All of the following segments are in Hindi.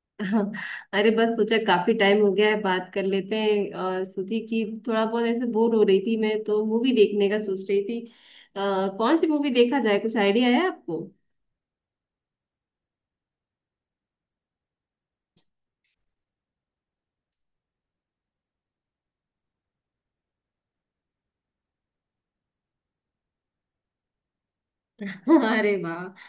हाँ, अरे बस सोचा काफी टाइम हो गया है बात कर लेते हैं और सोची कि थोड़ा बहुत ऐसे बोर हो रही थी, मैं तो मूवी देखने का सोच रही थी। कौन सी मूवी देखा जाए? कुछ आइडिया है आपको? अरे वाह!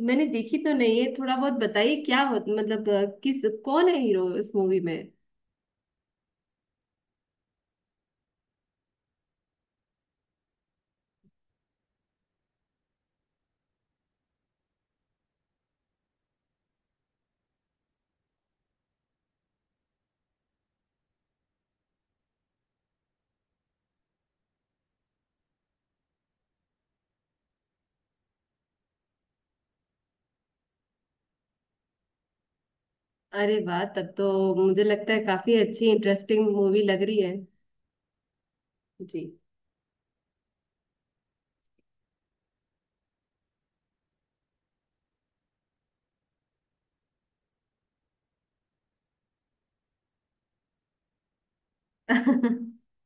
मैंने देखी तो नहीं है, थोड़ा बहुत बताइए क्या हो, मतलब किस, कौन है हीरो इस मूवी में? अरे वाह, तब तो मुझे लगता है काफी अच्छी इंटरेस्टिंग मूवी लग रही है। जी।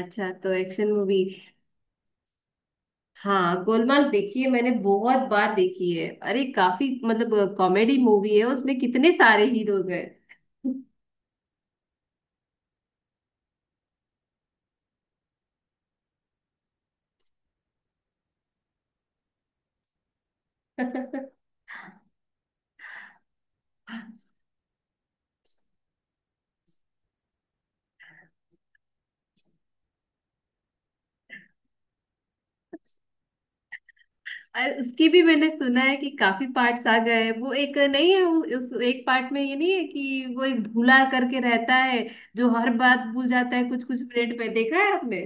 अच्छा, तो एक्शन मूवी। हाँ गोलमाल, देखिए मैंने बहुत बार देखी है, अरे काफी मतलब कॉमेडी मूवी है, उसमें कितने सारे हीरोज हैं। और उसकी भी मैंने सुना है कि काफी पार्ट्स आ गए हैं। वो एक नहीं है, उस एक पार्ट में ये नहीं है कि वो एक भूला करके रहता है, जो हर बात भूल जाता है कुछ कुछ मिनट में? देखा है आपने?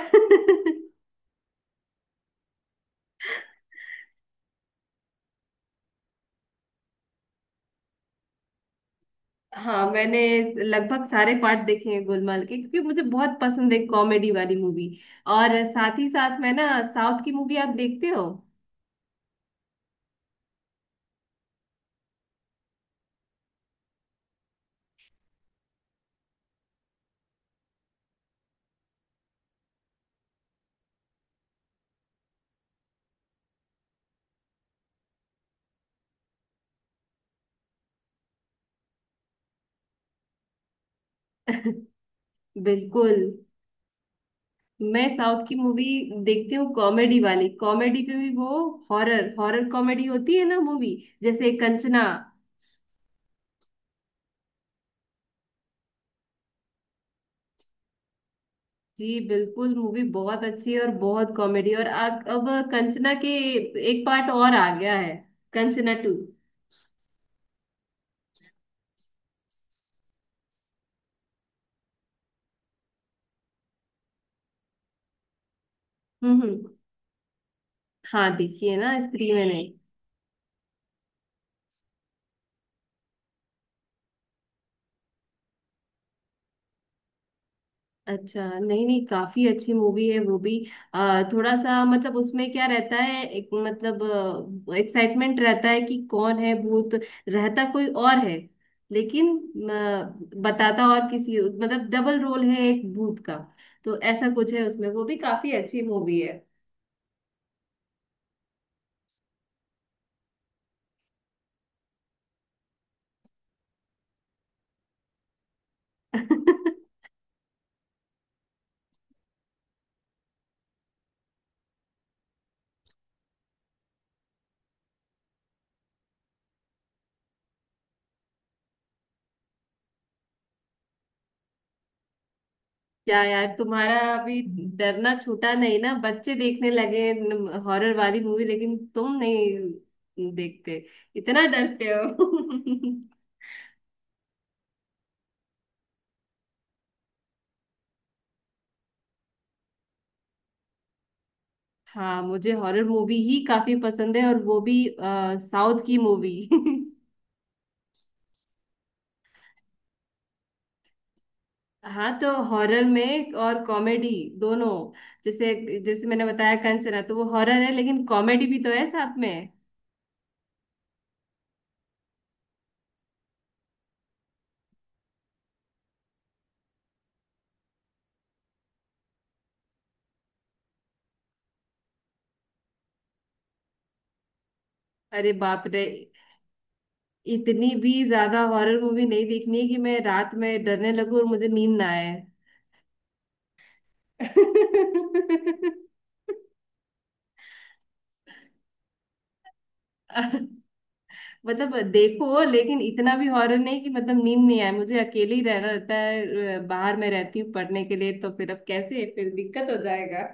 हाँ मैंने लगभग सारे पार्ट देखे हैं गोलमाल के, क्योंकि मुझे बहुत पसंद है कॉमेडी वाली मूवी। और साथ ही साथ मैं ना, साउथ की मूवी आप देखते हो? बिल्कुल, मैं साउथ की मूवी देखती हूँ, कॉमेडी वाली, कॉमेडी पे भी वो हॉरर, हॉरर कॉमेडी होती है ना मूवी, जैसे कंचना। जी बिल्कुल, मूवी बहुत अच्छी है और बहुत कॉमेडी। और अब कंचना के एक पार्ट और आ गया है, कंचना टू। हम्म। हाँ देखिए ना, स्त्री मैंने, अच्छा नहीं नहीं, काफी अच्छी मूवी है वो भी। थोड़ा सा मतलब उसमें क्या रहता है, एक मतलब एक्साइटमेंट रहता है कि कौन है भूत, रहता कोई और है, लेकिन बताता, और किसी, मतलब डबल रोल है एक भूत का, तो ऐसा कुछ है उसमें, वो भी काफी अच्छी मूवी है। क्या यार, तुम्हारा अभी डरना छूटा नहीं ना, बच्चे देखने लगे हॉरर वाली मूवी, लेकिन तुम नहीं देखते, इतना डरते हो। हाँ, मुझे हॉरर मूवी ही काफी पसंद है, और वो भी साउथ की मूवी। हाँ तो हॉरर में और कॉमेडी दोनों, जैसे जैसे मैंने बताया, कंचना तो वो हॉरर है, लेकिन कॉमेडी भी तो है साथ में। अरे बाप रे, इतनी भी ज्यादा हॉरर मूवी नहीं देखनी है कि मैं रात में डरने लगूं और मुझे नींद ना आए। मतलब देखो, लेकिन इतना भी हॉरर नहीं कि मतलब नींद नहीं आए, मुझे अकेले ही रहना रहता है, बाहर में रहती हूँ पढ़ने के लिए, तो फिर अब कैसे, फिर दिक्कत हो जाएगा।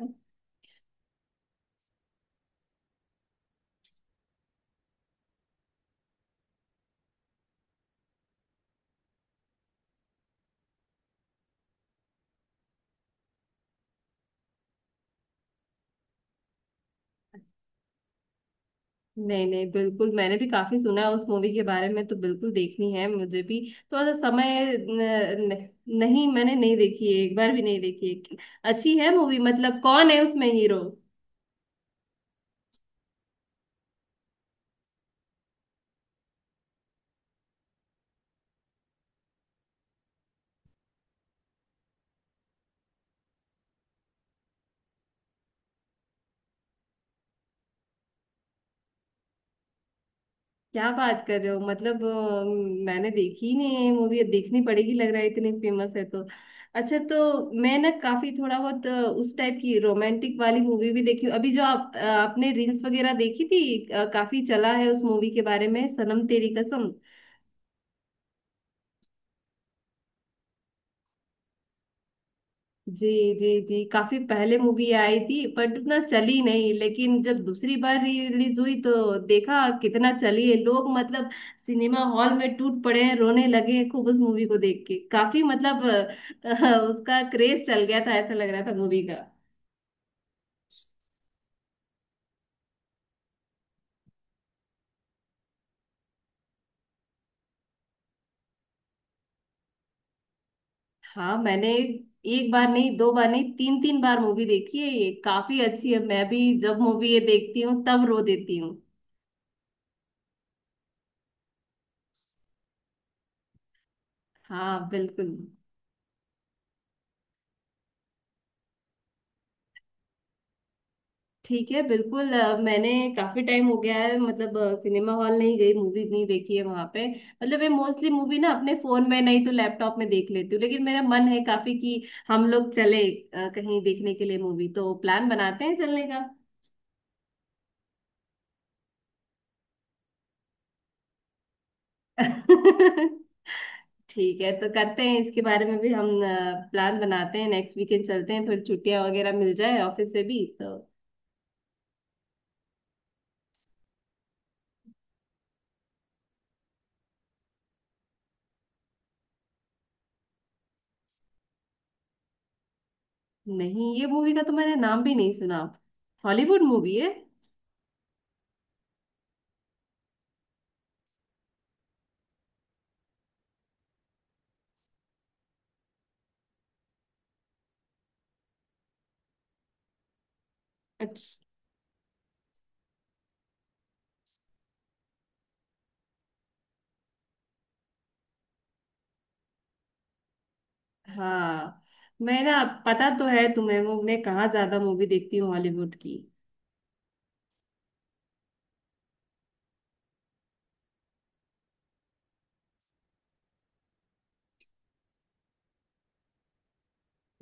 नहीं नहीं, बिल्कुल मैंने भी काफी सुना है उस मूवी के बारे में, तो बिल्कुल देखनी है मुझे भी। तो ऐसा समय न, न, नहीं मैंने नहीं देखी है, एक बार भी नहीं देखी है। अच्छी है मूवी? मतलब कौन है उसमें हीरो? क्या बात कर रहे हो, मतलब मैंने देखी ही नहीं है मूवी, अब देखनी पड़ेगी लग रहा है, इतनी फेमस है तो। अच्छा, तो मैं ना काफी थोड़ा बहुत उस टाइप की रोमांटिक वाली मूवी भी देखी हूँ, अभी जो आप आपने रील्स वगैरह देखी थी, काफी चला है उस मूवी के बारे में, सनम तेरी कसम। जी। जी जी, काफी पहले मूवी आई थी बट उतना चली नहीं, लेकिन जब दूसरी बार रिलीज हुई तो देखा कितना चली है, लोग मतलब सिनेमा हॉल में टूट पड़े हैं, रोने लगे हैं खूब उस मूवी को देख के, काफी मतलब उसका क्रेज चल गया था, ऐसा लग रहा था मूवी का। हाँ मैंने, एक बार नहीं, दो बार नहीं, तीन तीन बार मूवी देखी है ये, काफी अच्छी है, मैं भी जब मूवी ये देखती हूँ तब रो देती हूँ। हाँ बिल्कुल। ठीक है, बिल्कुल मैंने काफी टाइम हो गया है मतलब, सिनेमा हॉल नहीं गई, मूवी नहीं देखी है वहां पे, मतलब मैं मोस्टली मूवी ना अपने फोन में नहीं तो लैपटॉप में देख लेती हूँ, लेकिन मेरा मन है काफी कि हम लोग चले कहीं देखने के लिए मूवी, तो प्लान बनाते हैं चलने का। ठीक है, तो करते हैं इसके बारे में भी हम, प्लान बनाते हैं, नेक्स्ट वीकेंड चलते हैं, थोड़ी छुट्टियां वगैरह मिल जाए ऑफिस से भी तो। नहीं, ये मूवी का तो मैंने नाम भी नहीं सुना, हॉलीवुड मूवी है? अच्छा हाँ, मैं ना, पता तो है तुम्हें वो मैं कहाँ ज्यादा मूवी देखती हूँ हॉलीवुड की।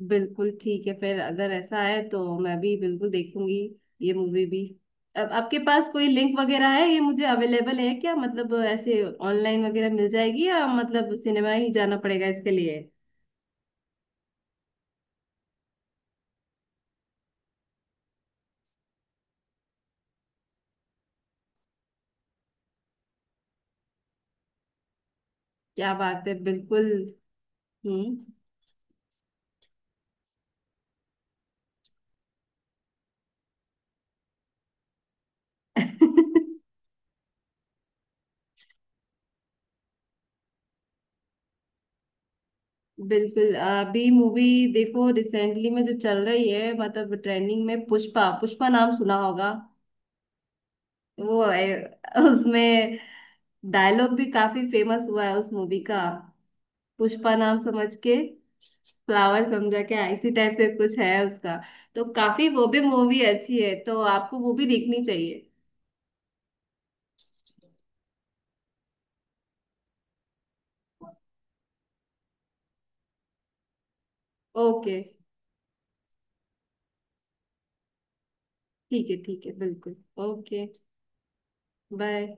बिल्कुल ठीक है, फिर अगर ऐसा है तो मैं भी बिल्कुल देखूंगी ये मूवी भी। अब आपके पास कोई लिंक वगैरह है, ये मुझे अवेलेबल है क्या, मतलब ऐसे ऑनलाइन वगैरह मिल जाएगी, या मतलब सिनेमा ही जाना पड़ेगा इसके लिए? क्या बात है, बिल्कुल। हम्म। बिल्कुल, अभी मूवी देखो रिसेंटली में जो चल रही है मतलब, ट्रेंडिंग में पुष्पा, पुष्पा नाम सुना होगा। वो है, उसमें डायलॉग भी काफी फेमस हुआ है उस मूवी का, पुष्पा नाम समझ के फ्लावर समझा क्या, इसी टाइप से कुछ है उसका। तो काफी वो भी मूवी अच्छी है, तो आपको वो भी देखनी चाहिए। ओके। ठीक है ठीक है, बिल्कुल। ओके। बाय।